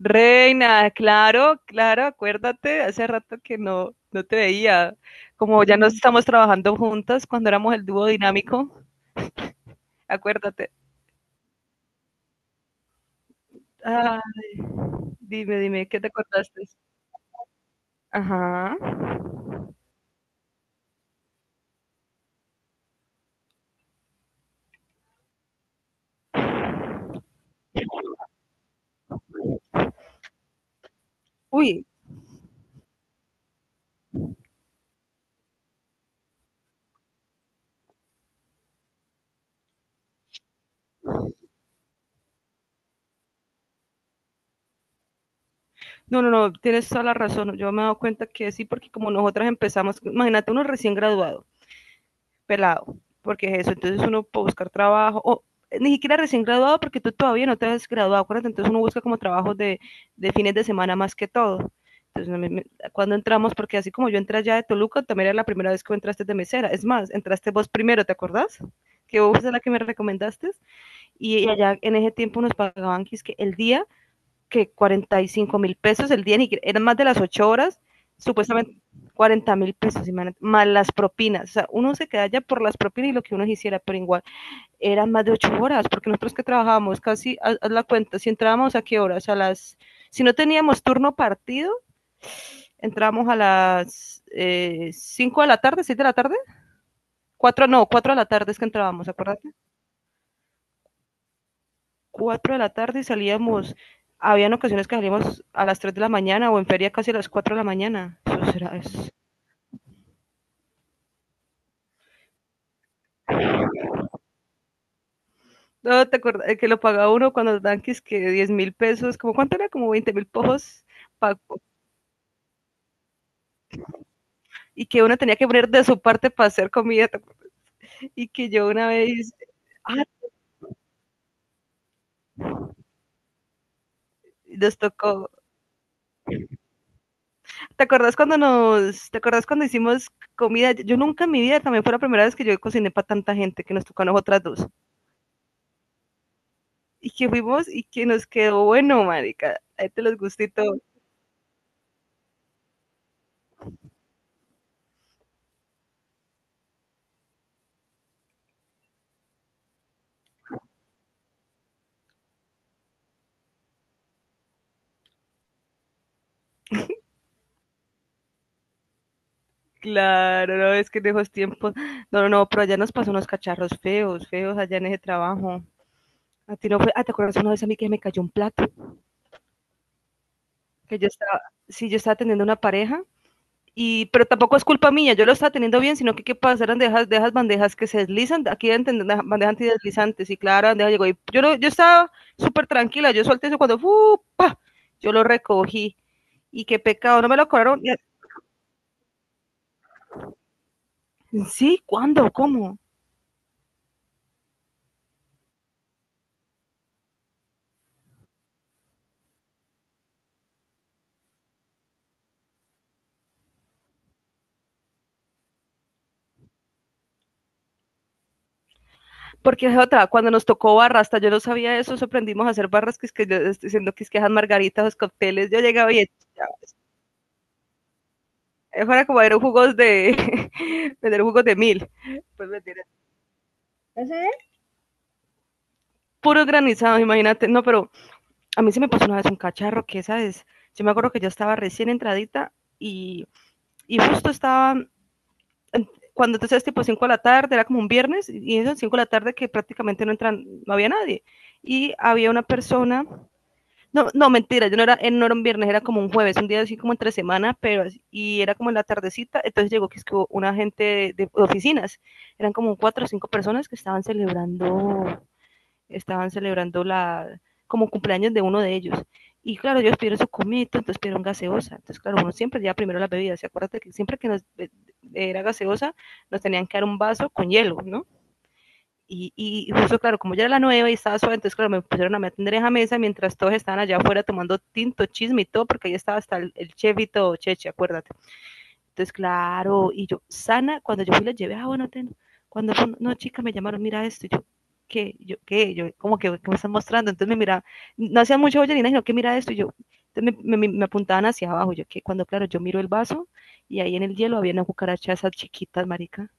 Reina, claro, claro, acuérdate, hace rato que no, no te veía. Como ya no estamos trabajando juntas cuando éramos el dúo dinámico, acuérdate. Ah, dime, dime, ¿qué te acordaste? Ajá. Uy, no, no, no, tienes toda la razón. Yo me he dado cuenta que sí, porque como nosotras empezamos, imagínate uno recién graduado, pelado, porque es eso, entonces uno puede buscar trabajo, o ni siquiera recién graduado, porque tú todavía no te has graduado, acuérdate, entonces uno busca como trabajos de fines de semana más que todo. Entonces, cuando entramos, porque así como yo entré allá de Toluca, también era la primera vez que entraste de mesera. Es más, entraste vos primero, ¿te acordás? Que vos es la que me recomendaste. Y allá en ese tiempo nos pagaban que el día que 45.000 pesos el día, eran más de las 8 horas, supuestamente 40.000 pesos, más las propinas. O sea, uno se queda ya por las propinas y lo que uno quisiera, pero igual eran más de 8 horas, porque nosotros que trabajábamos casi, haz, la cuenta, si entrábamos a qué horas, si no teníamos turno partido, entrábamos a las 5 de la tarde, 6 de la tarde, 4 no, 4 de la tarde es que entrábamos, acuérdate. 4 de la tarde y salíamos. Habían ocasiones que salíamos a las 3 de la mañana o en feria casi a las 4 de la mañana. Eso será eso. No, ¿te acuerdas que lo pagaba uno cuando los tanques que 10.000 pesos, como cuánto era, como 20.000 pojos y que uno tenía que poner de su parte para hacer comida y que yo una vez, ah, nos tocó? ¿Te acuerdas cuando hicimos comida? Yo nunca en mi vida, también fue la primera vez que yo cociné para tanta gente que nos tocó a nosotras dos. Y que fuimos y que nos quedó bueno, marica. Ahí te los gustó y todo. Claro, no, es que en esos tiempos. No, no, no, pero allá nos pasó unos cacharros feos, feos allá en ese trabajo. A ti no fue. Ah, ¿te acuerdas una vez a mí que me cayó un plato? Que yo estaba. Sí, yo estaba atendiendo una pareja. Y, pero tampoco es culpa mía, yo lo estaba teniendo bien, sino que qué pasa, eran de esas bandejas que se deslizan, aquí entender bandejas antideslizantes, y claro, la bandeja llegó, y yo, no, yo estaba súper tranquila, yo solté eso cuando, ¡fupa!, yo lo recogí, y qué pecado, no me lo cobraron. Y sí, ¿cuándo? ¿Cómo? Porque es otra, cuando nos tocó barra, hasta yo no sabía eso, eso aprendimos a hacer barras, que es que yo estoy diciendo que es que esas margaritas, los cócteles, yo llegaba y fuera como vender jugos de vender jugos de mil, pues mentira, puros granizados, imagínate. No, pero a mí se me pasó una vez un cacharro que esa es, yo me acuerdo que yo estaba recién entradita y, y justo estaba cuando entonces tipo 5 de la tarde, era como un viernes, y eso 5 de la tarde que prácticamente no entran, no había nadie. Y había una persona. No, no, mentira, yo no era, no era un viernes, era como un jueves, un día así como entre semana, pero así-, y era como en la tardecita, entonces llegó que es que hubo una gente de oficinas, eran como 4 o 5 personas que estaban celebrando la, como cumpleaños de uno de ellos. Y claro, ellos pidieron su comito, entonces pidieron gaseosa. Entonces, claro, uno siempre lleva primero las bebidas. Y acuérdate que siempre que nos era gaseosa, nos tenían que dar un vaso con hielo, ¿no? Y justo, claro, como yo era la nueva y estaba sola, entonces, claro, me pusieron a me atender en la mesa mientras todos estaban allá afuera tomando tinto, chisme y todo, porque ahí estaba hasta el chef y todo, cheche, acuérdate. Entonces, claro, y yo, sana, cuando yo fui la llevé, ah, bueno, ten, cuando fue, no, chica, me llamaron, mira esto, y yo, ¿qué? Yo, ¿qué? Yo, como que, ¿qué me están mostrando? Entonces me miraba, no hacía mucha bollerina, sino que mira esto, y yo, entonces me apuntaban hacia abajo, yo, que cuando, claro, yo miro el vaso, y ahí en el hielo había unas cucarachas esas chiquitas, marica.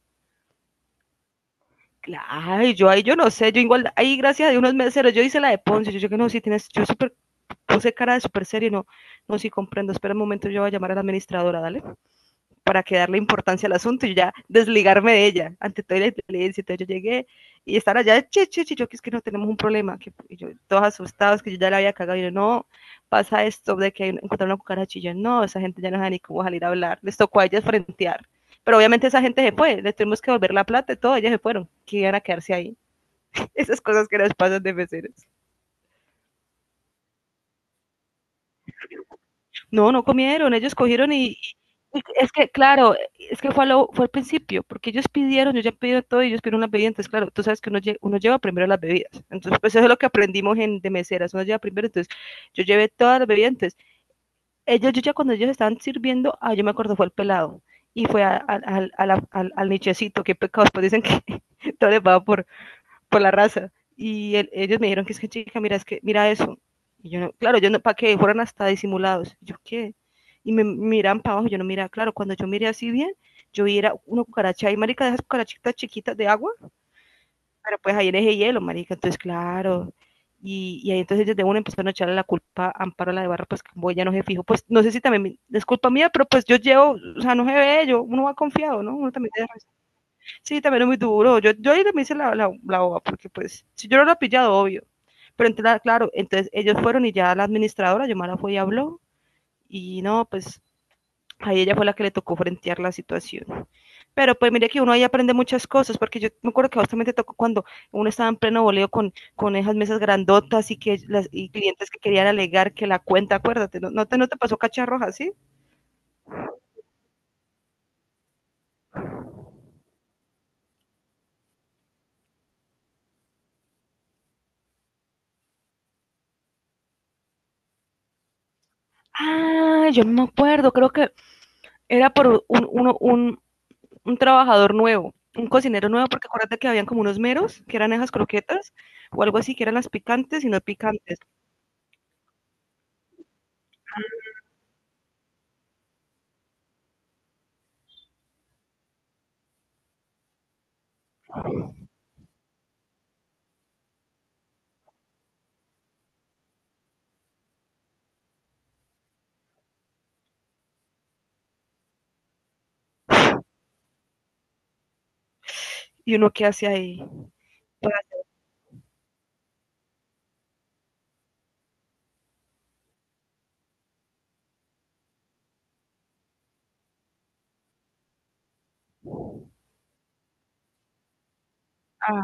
Ay, yo ahí yo no sé, yo igual, ahí gracias a Dios unos meseros, yo hice la de Ponce, yo no, sí tienes, yo super, puse cara de súper serio, no, no, sí comprendo, espera un momento, yo voy a llamar a la administradora, dale para que darle importancia al asunto y ya desligarme de ella ante toda la inteligencia. Entonces yo llegué y están allá, che, che, che, yo que es que no tenemos un problema, que yo, todos asustados, que yo ya la había cagado, y yo, no, pasa esto de que encontraron una cucaracha, y yo, no, esa gente ya no sabe ni cómo salir a hablar, les tocó a ellas frentear, pero obviamente esa gente se fue, les tuvimos que volver la plata y todo, ellas se fueron, que iban a quedarse ahí. Esas cosas que nos pasan de meseros. No, no comieron, ellos cogieron y es que, claro, es que fue, fue al principio, porque ellos pidieron, yo ya he pedido todo y ellos pidieron las bebidas, entonces, claro, tú sabes que uno, lle- uno lleva primero las bebidas, entonces, pues eso es lo que aprendimos en, de meseras, uno lleva primero, entonces, yo llevé todas las bebidas, entonces, ellos, yo ya cuando ellos estaban sirviendo, ah, yo me acuerdo, fue el pelado, y fue al nichecito, qué pecados, pues dicen que todo les va por la raza. Y el, ellos me dijeron que es que chica, mira, es que mira eso. Y yo no, claro, yo no, para que fueran hasta disimulados. Yo qué. Y me miran para abajo, yo no mira, claro, cuando yo miré así bien, yo vi era una cucaracha ahí, marica, de esas cucarachitas chiquitas de agua, pero pues ahí era ese hielo, marica, entonces claro. Y ahí entonces ellos de una empezaron a echarle la culpa a Amparo la de Barra, pues como ella no se fijo, pues no sé si también es culpa mía, pero pues yo llevo, o sea, no se ve, yo, uno va confiado, ¿no? Uno también sí, también es muy duro. Yo ahí también hice la, boba, porque pues, si yo no lo he pillado, obvio. Pero entonces, claro, entonces ellos fueron y ya la administradora, Yomara, fue y habló, y no, pues ahí ella fue la que le tocó frentear la situación. Pero pues mire que uno ahí aprende muchas cosas, porque yo me acuerdo que justamente tocó cuando uno estaba en pleno boleo con esas mesas grandotas y que las y clientes que querían alegar que la cuenta, acuérdate, no, no te pasó cacharroja, ¿sí? Ah, yo no me acuerdo, creo que era por un trabajador nuevo, un cocinero nuevo, porque acuérdate que habían como unos meros, que eran esas croquetas, o algo así, que eran las picantes y no picantes. Y uno que hace ahí. Para-, ah,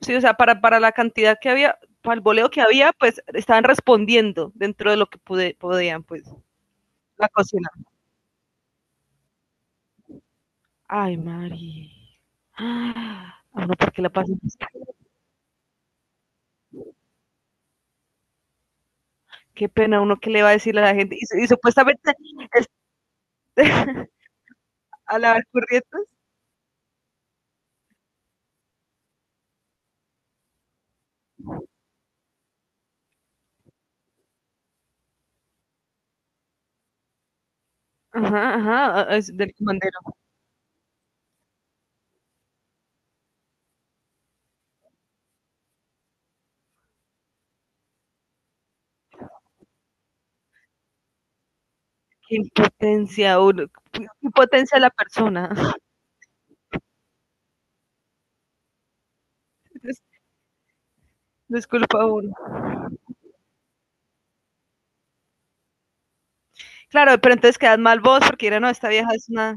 sí, o sea, para la cantidad que había, para el boleo que había, pues estaban respondiendo dentro de lo que pude, podían, pues, la cocina. Ay, Mari. Ah, a uno, ¿por qué la pasan? Qué pena, uno qué le va a decir a la gente. Y supuestamente, este, a la Barcurrietas, ajá, ajá, es del comandante. Qué impotencia uno, qué impotencia de la persona. Disculpa uno. Claro, pero entonces quedan mal vos porque dirán, no, esta vieja es una.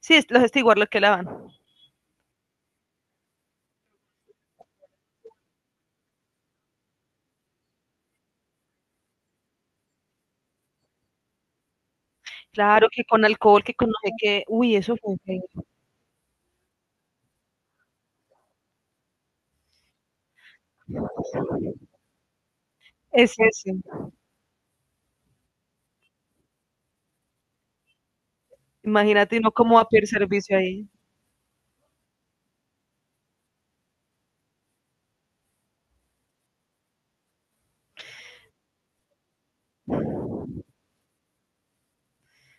Sí, es- los está igual lo que la van. Claro, que con alcohol, que con no sé qué. Uy, eso fue feo. Es ese. Imagínate uno cómo va a pedir servicio ahí.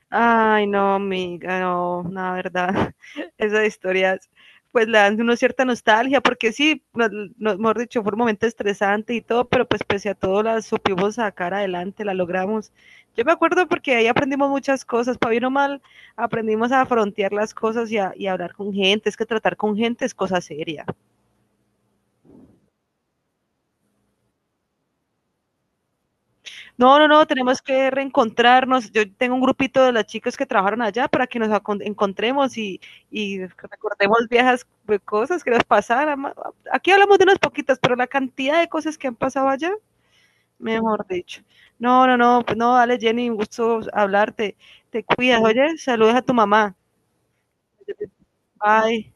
Ay, no, amiga, no, no, la verdad, esas historias pues le dan una cierta nostalgia, porque sí, no, no, mejor dicho, fue un momento estresante y todo, pero pues pese a todo la supimos sacar adelante, la logramos. Yo me acuerdo porque ahí aprendimos muchas cosas, para bien o mal, aprendimos a frontear las cosas y a hablar con gente, es que tratar con gente es cosa seria. No, no, no, tenemos que reencontrarnos. Yo tengo un grupito de las chicas que trabajaron allá para que nos acon- encontremos y recordemos viejas cosas que nos pasaron. Aquí hablamos de unas poquitas, pero la cantidad de cosas que han pasado allá, mejor dicho. No, no, no, pues no, dale Jenny, un gusto hablarte. Te cuidas, oye, saludos a tu mamá. Bye.